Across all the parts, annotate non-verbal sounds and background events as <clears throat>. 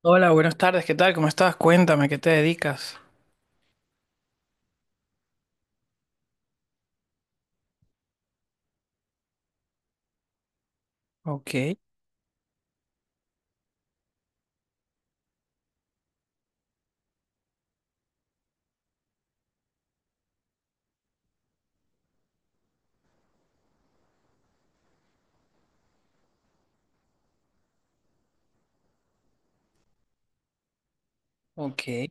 Hola, buenas tardes, ¿qué tal? ¿Cómo estás? Cuéntame, ¿qué te dedicas? Ok, ok.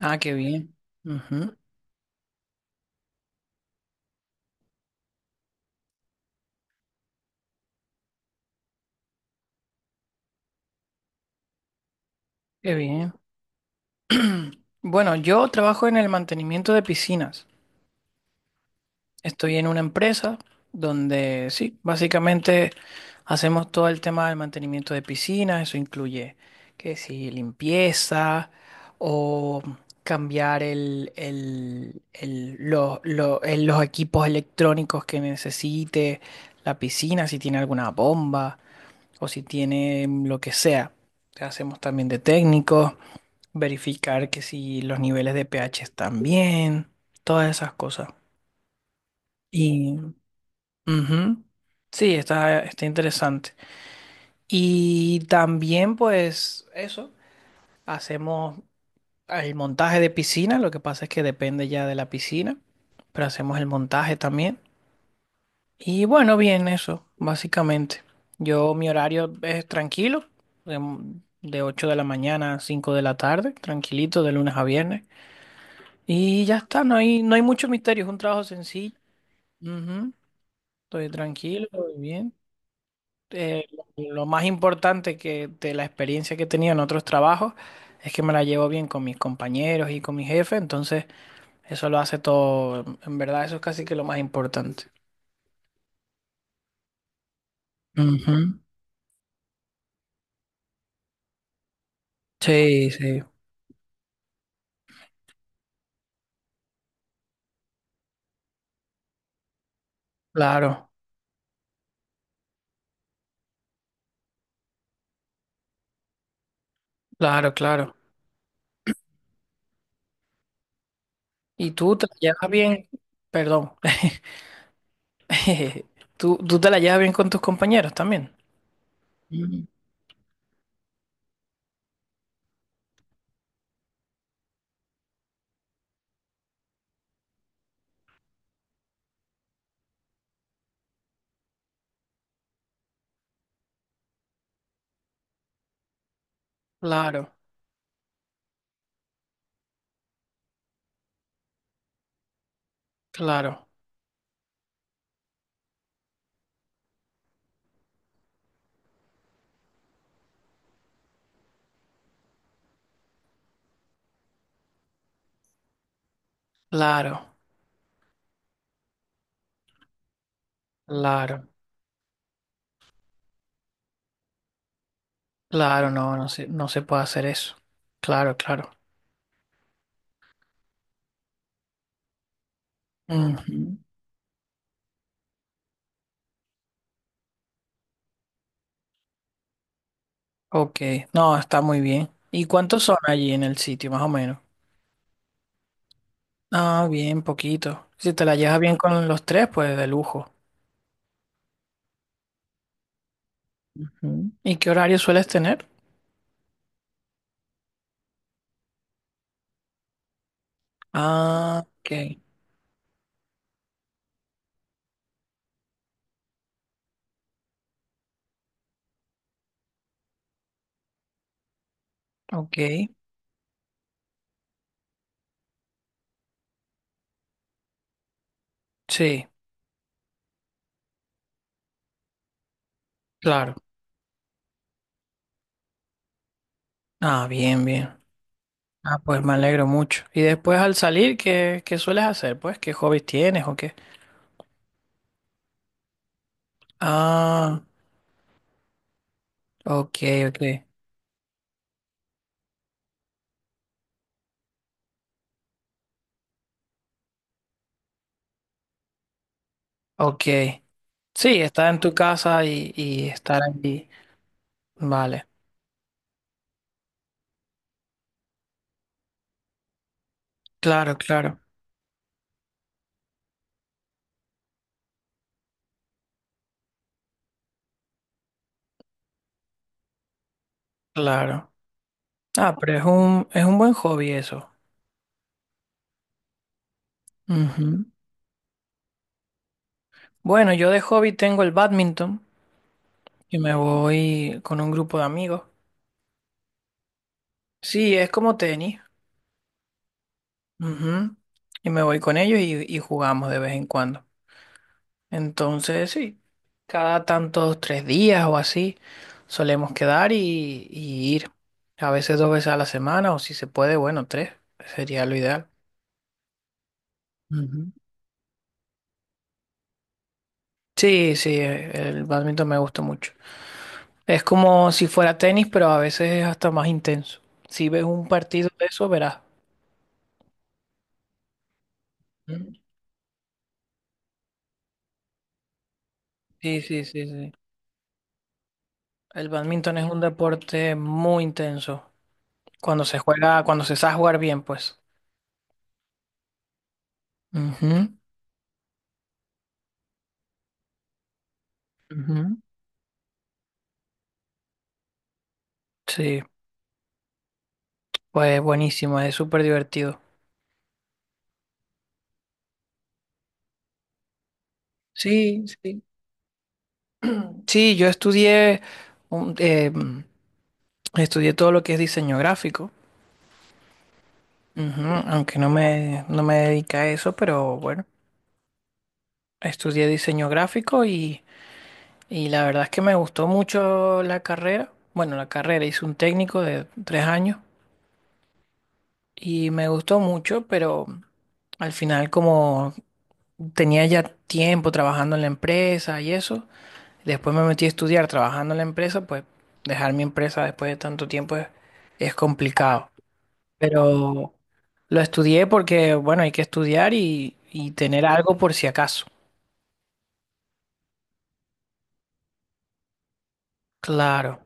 Ah, qué bien. Ujú. Qué bien. <clears throat> Bueno, yo trabajo en el mantenimiento de piscinas. Estoy en una empresa donde sí, básicamente hacemos todo el tema del mantenimiento de piscinas, eso incluye que si limpieza o cambiar los equipos electrónicos que necesite la piscina, si tiene alguna bomba o si tiene lo que sea. Hacemos también de técnicos, verificar que si los niveles de pH están bien, todas esas cosas. Ujú. Sí, está interesante. Y también, pues, eso, hacemos el montaje de piscina, lo que pasa es que depende ya de la piscina, pero hacemos el montaje también. Y bueno, bien, eso, básicamente. Yo, mi horario es tranquilo, de, de 8 de la mañana a 5 de la tarde, tranquilito, de lunes a viernes. Y ya está, no hay mucho misterio, es un trabajo sencillo. Ujú. Estoy tranquilo, bien. eh, lo más importante que de la experiencia que he tenido en otros trabajos es que me la llevo bien con mis compañeros y con mi jefe, entonces eso lo hace todo, en verdad eso es casi que lo más importante. Ujú. Sí, sí, claro, claro, claro. ¿Y tú te la llevas bien? Perdón. <laughs> ¿Tú te la llevas bien con tus compañeros también? Mm. Claro, claro, claro, claro, claro, no, no se puede hacer eso. Claro, claro. Ujú. Ok, no, está muy bien. ¿Y cuántos son allí en el sitio, más o menos? Ah, bien, poquito. Si te la llevas bien con los tres, pues de lujo. Ujú. ¿Y qué horario sueles tener? Ah, ok, ok. Sí, claro. Ah, bien, bien. Ah, pues me alegro mucho. ¿Y después al salir, qué sueles hacer? Pues, ¿qué hobbies tienes o qué? Ah, ok, ok, ok. Sí, estar en tu casa y estar allí. Vale, claro, claro, claro. Ah, pero es es un buen hobby eso. Ujú. Bueno, yo de hobby tengo el badminton y me voy con un grupo de amigos. Sí, es como tenis. Ujú. Y me voy con ellos y jugamos de vez en cuando. Entonces, sí, cada tantos 3 días o así solemos quedar y ir. A veces 2 veces a la semana o si se puede, bueno, tres. Sería lo ideal. Ujú. Sí, sí, el badminton me gusta mucho. Es como si fuera tenis, pero a veces es hasta más intenso. Si ves un partido de eso, verás. ¿Mm? Sí, sí, sí, sí. El bádminton es un deporte muy intenso. Cuando se juega, cuando se sabe jugar bien, pues. Ujú, ujú. Sí, pues buenísimo, es súper divertido. Sí, sí. Sí, yo estudié, un- eh, estudié todo lo que es diseño gráfico. Ujú. Aunque no me dedica a eso, pero bueno, estudié diseño gráfico y la verdad es que me gustó mucho la carrera. Bueno, la carrera hice un técnico de 3 años y me gustó mucho, pero al final como tenía ya tiempo trabajando en la empresa y eso, después me metí a estudiar trabajando en la empresa, pues dejar mi empresa después de tanto tiempo es complicado. Pero lo estudié porque, bueno, hay que estudiar y tener algo por si acaso. Claro,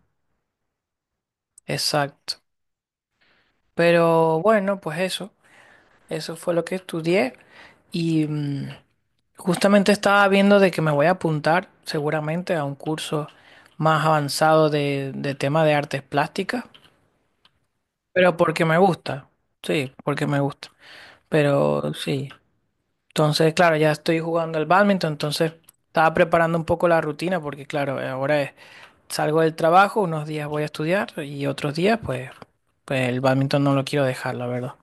exacto. Pero bueno, pues eso. Eso fue lo que estudié y justamente estaba viendo de que me voy a apuntar seguramente a un curso más avanzado de tema de artes plásticas, pero porque me gusta, sí, porque me gusta, pero sí. Entonces, claro, ya estoy jugando al bádminton, entonces estaba preparando un poco la rutina porque, claro, salgo del trabajo, unos días voy a estudiar y otros días, pues, pues el bádminton no lo quiero dejar, la verdad.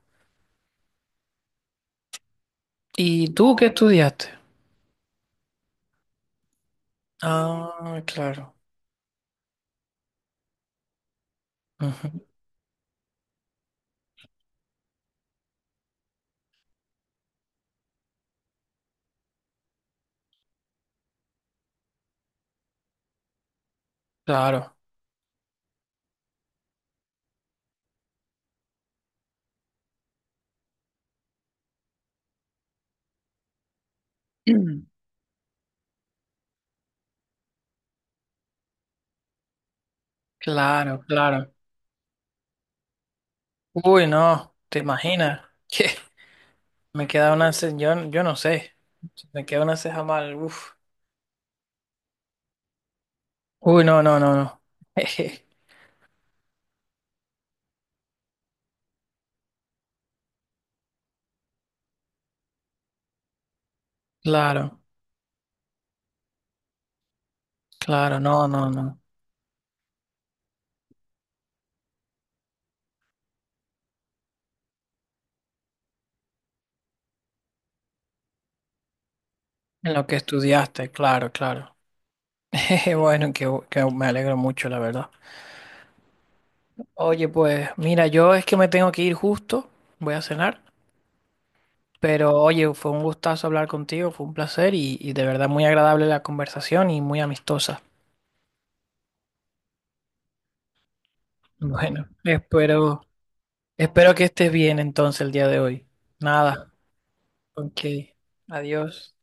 ¿Y tú qué estudiaste? Ah, claro. Ujú. Claro, <clears throat> claro, claro. Uy, no, ¿te imaginas? <laughs> Que me queda una ceja, yo no sé. Si me queda una ceja mal, uf. Uy, no, no, no, no. <laughs> Jeje. Claro, claro, no, no, no. En lo que estudiaste, claro, claro. <laughs> Jeje. Bueno, que me alegro mucho, la verdad. Oye, pues mira, yo es que me tengo que ir justo, voy a cenar, pero oye, fue un gustazo hablar contigo, fue un placer y de verdad muy agradable la conversación y muy amistosa. Bueno, espero, espero que estés bien entonces el día de hoy. Nada, ok, adiós.